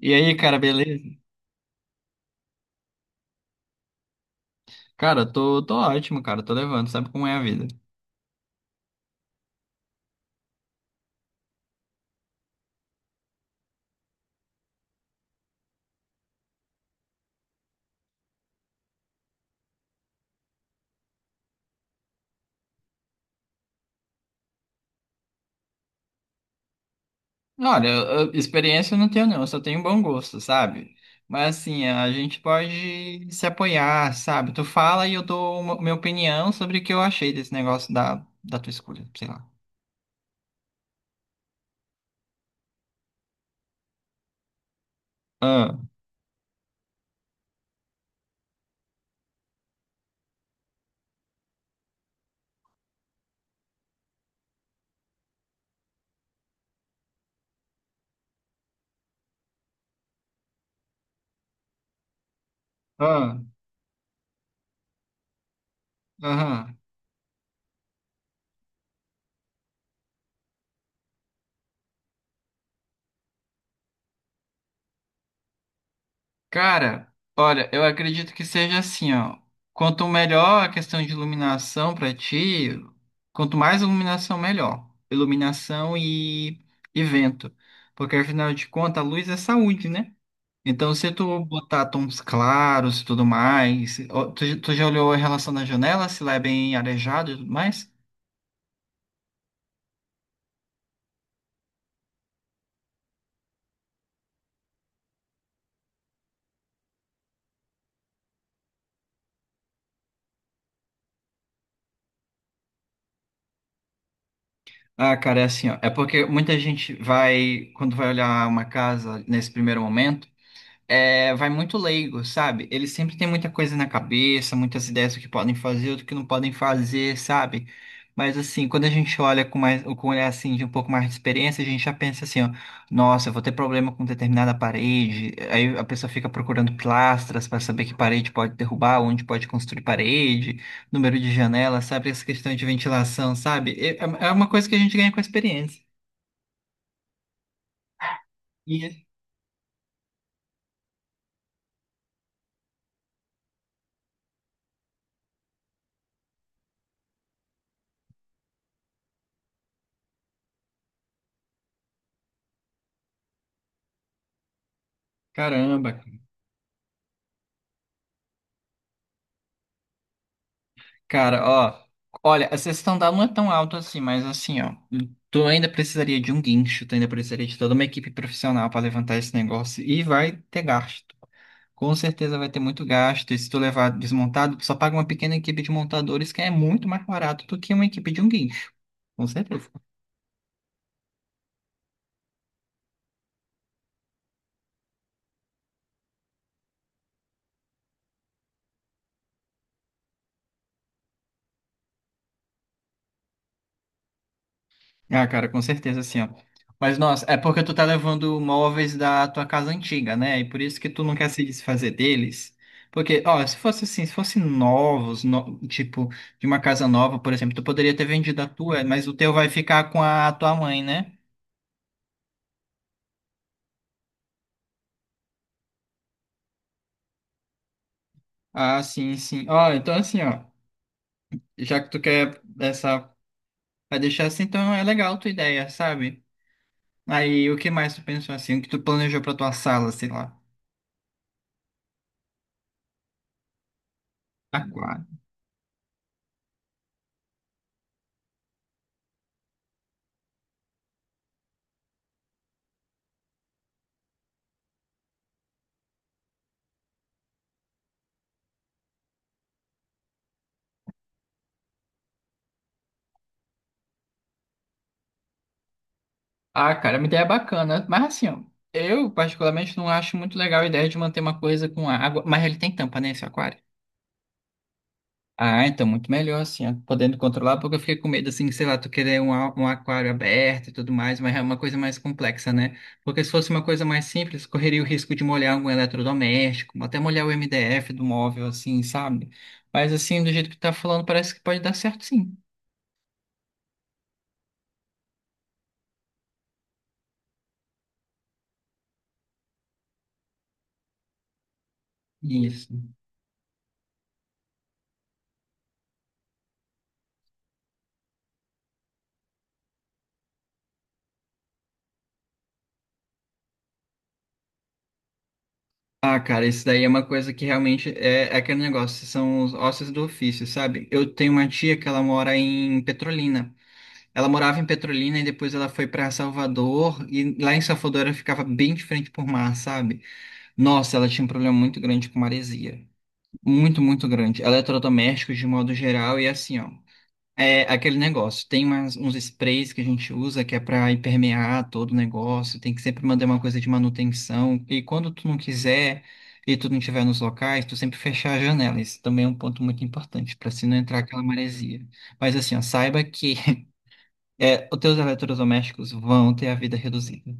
E aí, cara, beleza? Cara, eu tô ótimo, cara, tô levando, sabe como é a vida. Olha, experiência eu não tenho não, eu só tenho bom gosto, sabe? Mas assim, a gente pode se apoiar, sabe? Tu fala e eu dou uma, minha opinião sobre o que eu achei desse negócio da tua escolha, sei lá. Ah, ah, aham. Cara, olha, eu acredito que seja assim, ó. Quanto melhor a questão de iluminação pra ti, quanto mais iluminação, melhor. Iluminação e vento. Porque afinal de contas, a luz é saúde, né? Então, se tu botar tons claros e tudo mais. Ó, Tu, tu já olhou a relação da janela, se lá é bem arejado e tudo mais? Ah, cara, é assim, ó. É porque muita gente vai, quando vai olhar uma casa nesse primeiro momento. É, vai muito leigo, sabe? Eles sempre têm muita coisa na cabeça, muitas ideias do que podem fazer, do que não podem fazer, sabe? Mas assim, quando a gente olha com mais, com um olhar assim de um pouco mais de experiência, a gente já pensa assim, ó, nossa, eu vou ter problema com determinada parede. Aí a pessoa fica procurando pilastras para saber que parede pode derrubar, onde pode construir parede, número de janelas, sabe? Essa questão de ventilação, sabe? É uma coisa que a gente ganha com a experiência. E caramba, cara, ó, olha, a sessão da não é tão alta assim, mas assim, ó, tu ainda precisaria de um guincho, tu ainda precisaria de toda uma equipe profissional para levantar esse negócio e vai ter gasto. Com certeza vai ter muito gasto, e se tu levar desmontado, tu só paga uma pequena equipe de montadores que é muito mais barato do que uma equipe de um guincho. Com certeza. Ah, cara, com certeza, assim, ó. Mas, nossa, é porque tu tá levando móveis da tua casa antiga, né? E por isso que tu não quer se desfazer deles. Porque, ó, se fosse assim, se fosse novos, tipo, de uma casa nova, por exemplo, tu poderia ter vendido a tua, mas o teu vai ficar com a tua mãe, né? Ah, sim, sim. Ó, então assim, ó, já que tu quer essa, vai deixar assim, então é legal a tua ideia, sabe? Aí, o que mais tu pensou assim? O que tu planejou pra tua sala, sei lá? Ah, cara, é uma ideia bacana. Mas assim, ó, eu particularmente não acho muito legal a ideia de manter uma coisa com água. Mas ele tem tampa, né, esse aquário? Ah, então muito melhor assim, ó, podendo controlar, porque eu fiquei com medo, assim, sei lá, tu querer um aquário aberto e tudo mais, mas é uma coisa mais complexa, né? Porque se fosse uma coisa mais simples, correria o risco de molhar algum eletrodoméstico, até molhar o MDF do móvel, assim, sabe? Mas assim, do jeito que tu tá falando, parece que pode dar certo sim. Isso. Ah, cara, isso daí é uma coisa que realmente é, é aquele negócio, são os ossos do ofício, sabe? Eu tenho uma tia que ela mora em Petrolina. Ela morava em Petrolina e depois ela foi pra Salvador e lá em Salvador ela ficava bem de frente por mar, sabe? Nossa, ela tinha um problema muito grande com maresia. Muito, muito grande. Ela é eletrodoméstico de modo geral e assim, ó. É aquele negócio. Tem uns sprays que a gente usa que é para impermear todo o negócio. Tem que sempre mandar uma coisa de manutenção. E quando tu não quiser e tu não estiver nos locais, tu sempre fechar as janelas. Isso também é um ponto muito importante para se não entrar aquela maresia. Mas assim, ó, saiba que é, os teus eletrodomésticos vão ter a vida reduzida.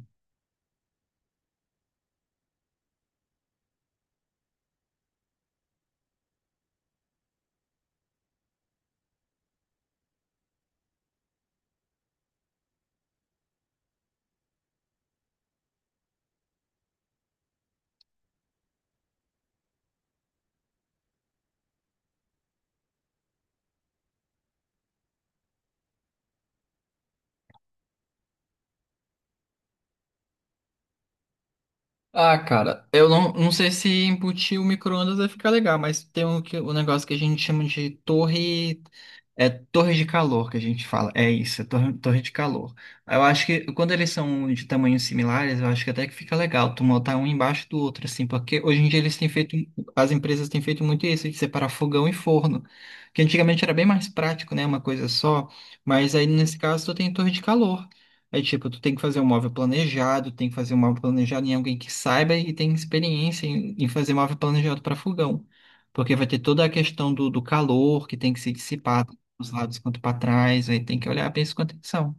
Ah, cara, eu não sei se embutir o micro-ondas vai ficar legal, mas tem um, um negócio que a gente chama de torre. É torre de calor que a gente fala. É isso, é torre de calor. Eu acho que quando eles são de tamanhos similares, eu acho que até que fica legal tu montar um embaixo do outro, assim, porque hoje em dia eles têm feito, as empresas têm feito muito isso, de separar fogão e forno, que antigamente era bem mais prático, né, uma coisa só, mas aí nesse caso tu tem torre de calor. É tipo, tu tem que fazer um móvel planejado, tem que fazer um móvel planejado em alguém que saiba e tenha experiência em fazer móvel planejado para fogão. Porque vai ter toda a questão do calor que tem que se dissipar tanto dos lados quanto para trás, aí tem que olhar bem isso com atenção.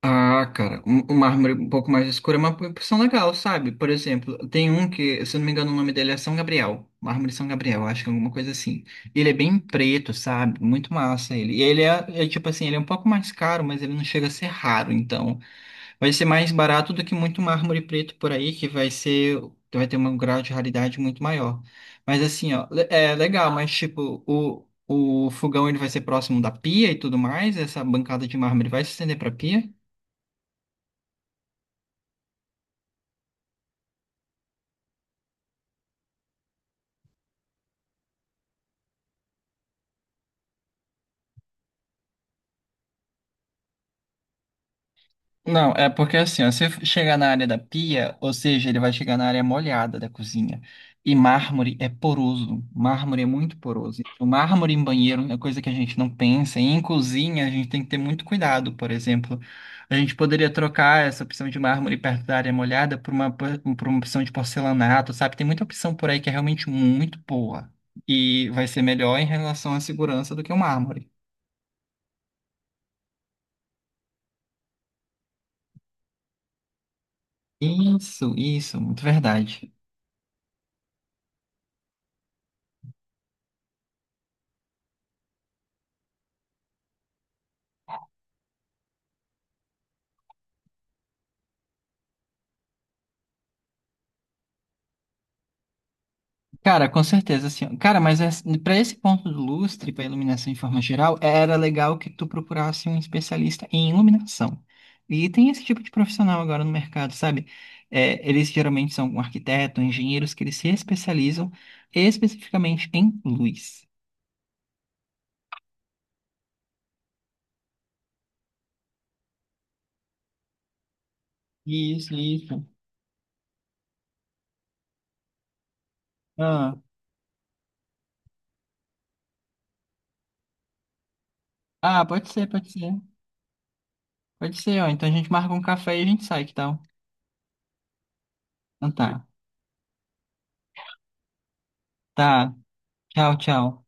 Ah, cara, um mármore um pouco mais escuro é uma opção legal, sabe? Por exemplo, tem um que, se eu não me engano, o nome dele é São Gabriel. Mármore São Gabriel, acho que é alguma coisa assim. Ele é bem preto, sabe? Muito massa ele. E ele é tipo assim, ele é um pouco mais caro, mas ele não chega a ser raro, então. Vai ser mais barato do que muito mármore preto por aí, que vai ser, vai ter um grau de raridade muito maior. Mas assim, ó, é legal, mas tipo, o fogão ele vai ser próximo da pia e tudo mais, essa bancada de mármore vai se estender para pia? Não, é porque assim, ó, se chegar na área da pia, ou seja, ele vai chegar na área molhada da cozinha. E mármore é poroso. Mármore é muito poroso. O mármore em banheiro é coisa que a gente não pensa. E em cozinha, a gente tem que ter muito cuidado, por exemplo. A gente poderia trocar essa opção de mármore perto da área molhada por uma, por uma opção de porcelanato, sabe? Tem muita opção por aí que é realmente muito boa. E vai ser melhor em relação à segurança do que o mármore. Isso, muito verdade. Cara, com certeza, assim. Cara, mas para esse ponto do lustre, para iluminação de forma geral, era legal que tu procurasse um especialista em iluminação. E tem esse tipo de profissional agora no mercado, sabe? É, eles geralmente são arquitetos, engenheiros que eles se especializam especificamente em luz. Isso, isso. Ah, ah, pode ser, pode ser. Pode ser, ó. Então a gente marca um café e a gente sai, que tal? Então tá. Tá. Tchau, tchau.